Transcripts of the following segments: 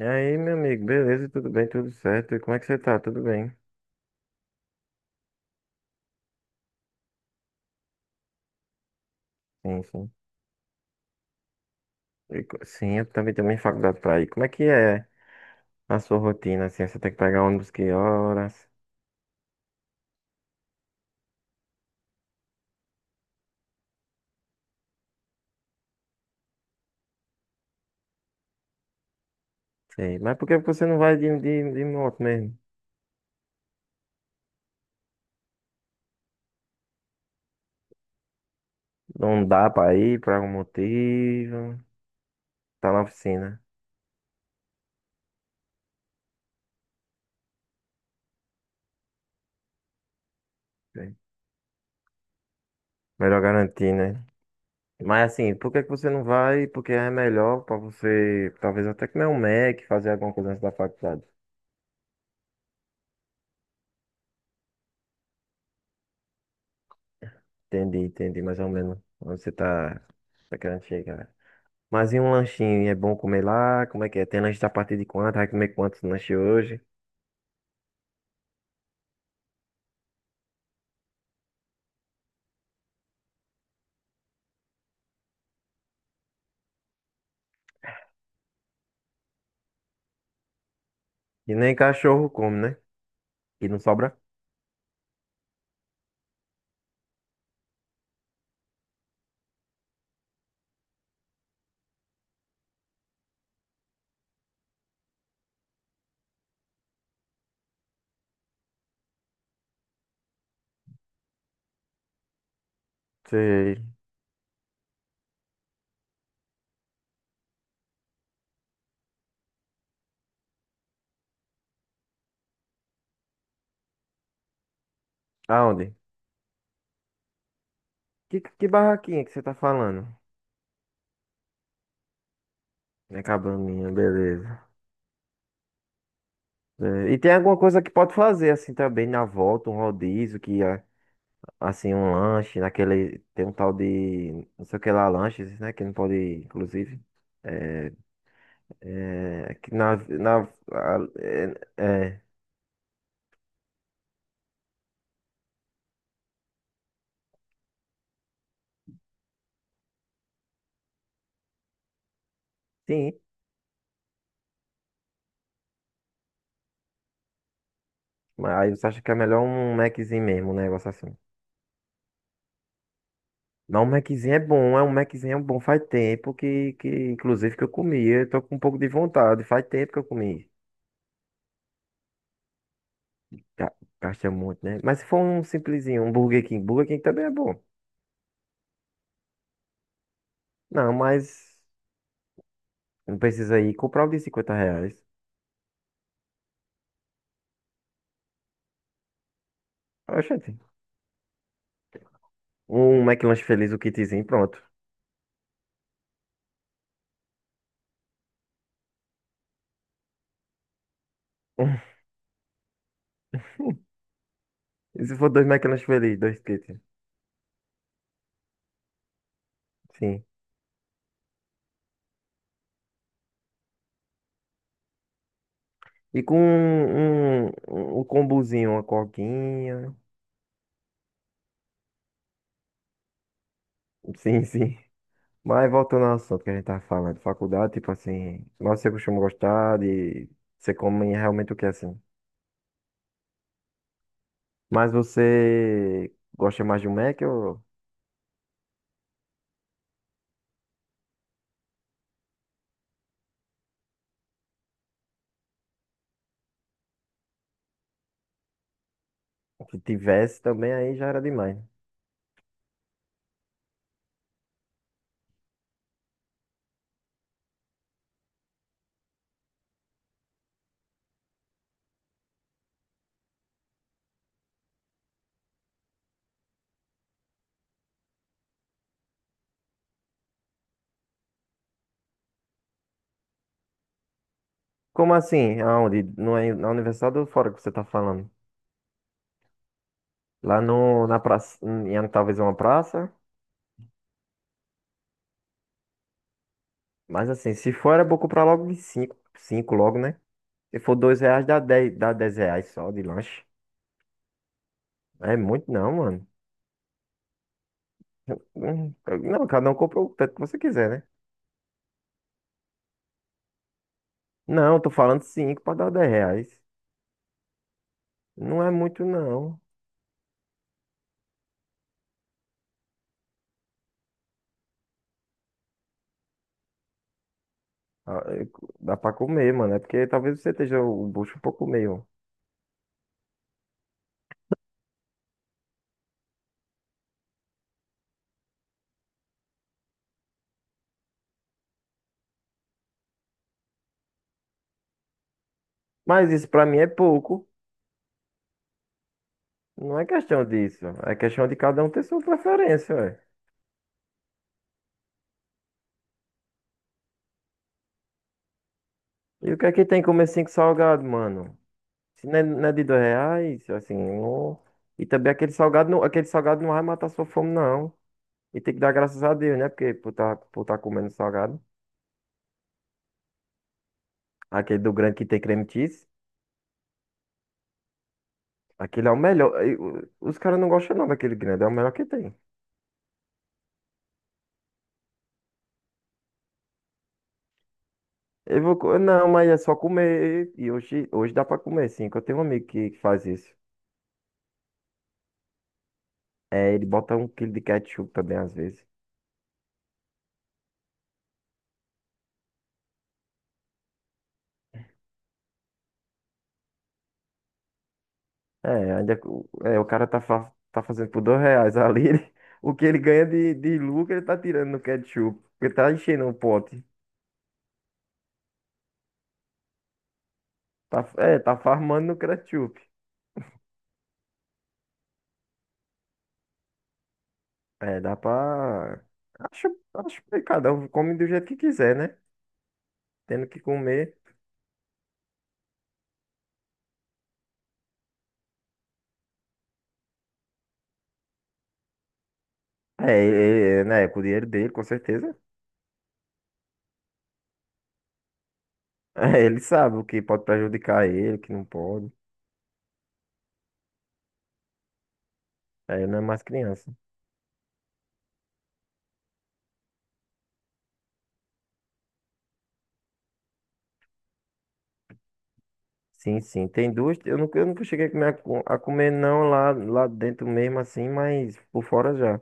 E aí, meu amigo, beleza? Tudo bem? Tudo certo? E como é que você tá? Tudo bem? Sim, sim. E sim, eu também tenho minha faculdade pra ir. Como é que é a sua rotina, assim? Você tem que pegar ônibus que horas? Sei. Mas por que você não vai de moto mesmo? Não dá pra ir por algum motivo. Tá na oficina. Sei. Melhor garantir, né? Mas assim, por que que você não vai? Porque é melhor pra você, talvez até comer um Mac, fazer alguma coisa antes da faculdade. Entendi, entendi, mais ou menos. Onde você tá querendo chegar. Mas e um lanchinho? É bom comer lá? Como é que é? Tem lanche a partir de quanto? Vai comer quantos lanches hoje? E nem cachorro come, né? E não sobra? Sei. Aonde? Que barraquinha que você tá falando? É cabaninha, beleza. É, e tem alguma coisa que pode fazer assim também na volta, um rodízio, que é, assim, um lanche, naquele. Tem um tal de. Não sei o que lá, lanches, né? Que não pode, inclusive. É, é, que na, a- é, é, sim. Mas aí você acha que é melhor um Maczinho mesmo, um negócio assim. Não, um Maczinho é bom, é um Maczinho é um bom. Faz tempo que inclusive, que eu comi. Eu tô com um pouco de vontade. Faz tempo que eu comi. Ga- Gasta muito, né? Mas se for um simplesinho, um Burger King. Burger King também é bom. Não, mas não precisa ir comprar um de 50 reais. Oxente. Um McLanche feliz, o kitzinho, pronto. E se for dois McLanche feliz, dois kits. Sim. E com um combozinho, uma coquinha. Sim, sim. Mas voltando ao assunto que a gente tava falando, faculdade, tipo assim, mas você costuma gostar de. Você come realmente o que assim? Mas você gosta mais de um Mac ou o que tivesse também aí já era demais, né? Como assim? Aonde? No, na universidade ou fora que você tá falando? Lá no, na praça, em talvez uma praça. Mas assim, se for era bom comprar logo de 5, 5 logo, né? Se for 2 reais, dá 10 reais só de lanche. É muito não, mano. Hum, Não, cada um compra o tanto que você quiser, né? Não, tô falando cinco pra dar 10 reais. Não é muito, não. Ah, é, dá pra comer, mano. É porque talvez você esteja o bucho um pouco meio. Mas isso pra mim é pouco. Não é questão disso. É questão de cada um ter sua preferência, ué. E o que é que tem comer cinco salgados, mano? Se não é, não é de 2 reais, assim, não. E também aquele salgado não vai matar sua fome, não. E tem que dar graças a Deus, né? Porque por tá comendo salgado. Aquele do grande que tem creme cheese. Aquele é o melhor. Os caras não gostam não daquele grande, é o melhor que tem. Eu vou, não, mas é só comer. E hoje dá pra comer, sim. Que eu tenho um amigo que faz isso. É, ele bota um quilo de ketchup também, às vezes. É, ainda, é, o cara tá fazendo por 2 reais ali. O que ele ganha de lucro, ele tá tirando no ketchup. Porque tá enchendo o pote. Tá farmando no ketchup. É, dá pra. Acho, acho que cada um come do jeito que quiser, né? Tendo que comer. É, ele, né, é com o dinheiro dele, com certeza. É, ele sabe o que pode prejudicar ele, o que não pode. É, ele não é mais criança. Sim, sim. Tem duas. Eu nunca cheguei a comer, a comer não lá dentro mesmo assim, mas por fora já.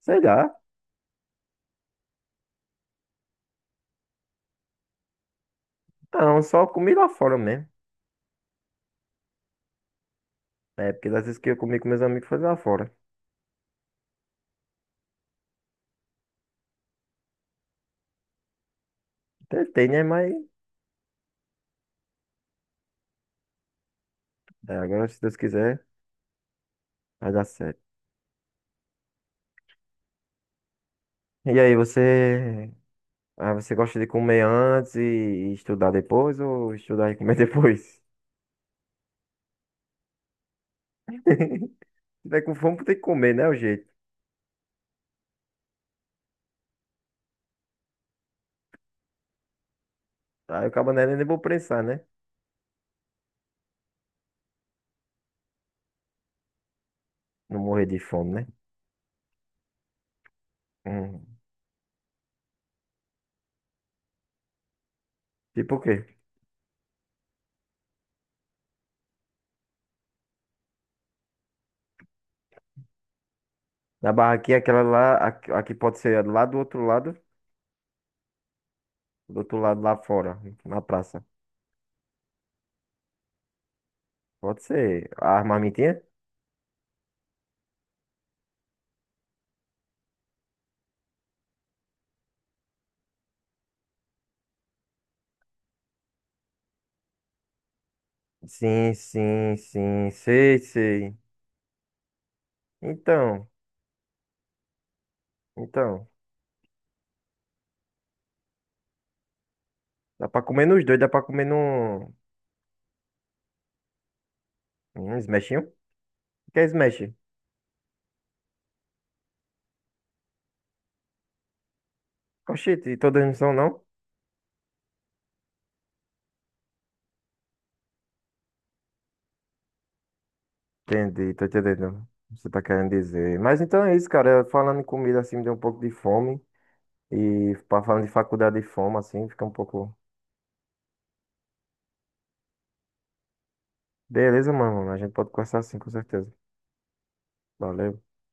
Sei lá. Não, só comi lá fora mesmo. É, porque das vezes que eu comi com meus amigos foi lá fora. Tentei, né, mas é, agora se Deus quiser, vai dar certo. E aí, você. Ah, você gosta de comer antes e estudar depois ou estudar e comer depois? Se tiver com fome, tem que comer, né? O jeito. Aí o cabo não é nem vou prensar, né? Não morrer de fome, né? Hum. Tipo o quê? Na barraquinha, aquela lá, aqui pode ser lá do outro lado lá fora, na praça. Pode ser a armamentinha. Sim, sim, sim, sei, sei. Então, então, dá pra comer nos dois, dá pra comer num smashinho? O que é smash? Oxente, e todas não são, não? Entendi, tô entendendo o que você tá querendo dizer. Mas então é isso, cara. Falando em comida assim, me deu um pouco de fome. E falando de faculdade e fome, assim, fica um pouco. Beleza, mano. A gente pode conversar assim, com certeza. Valeu.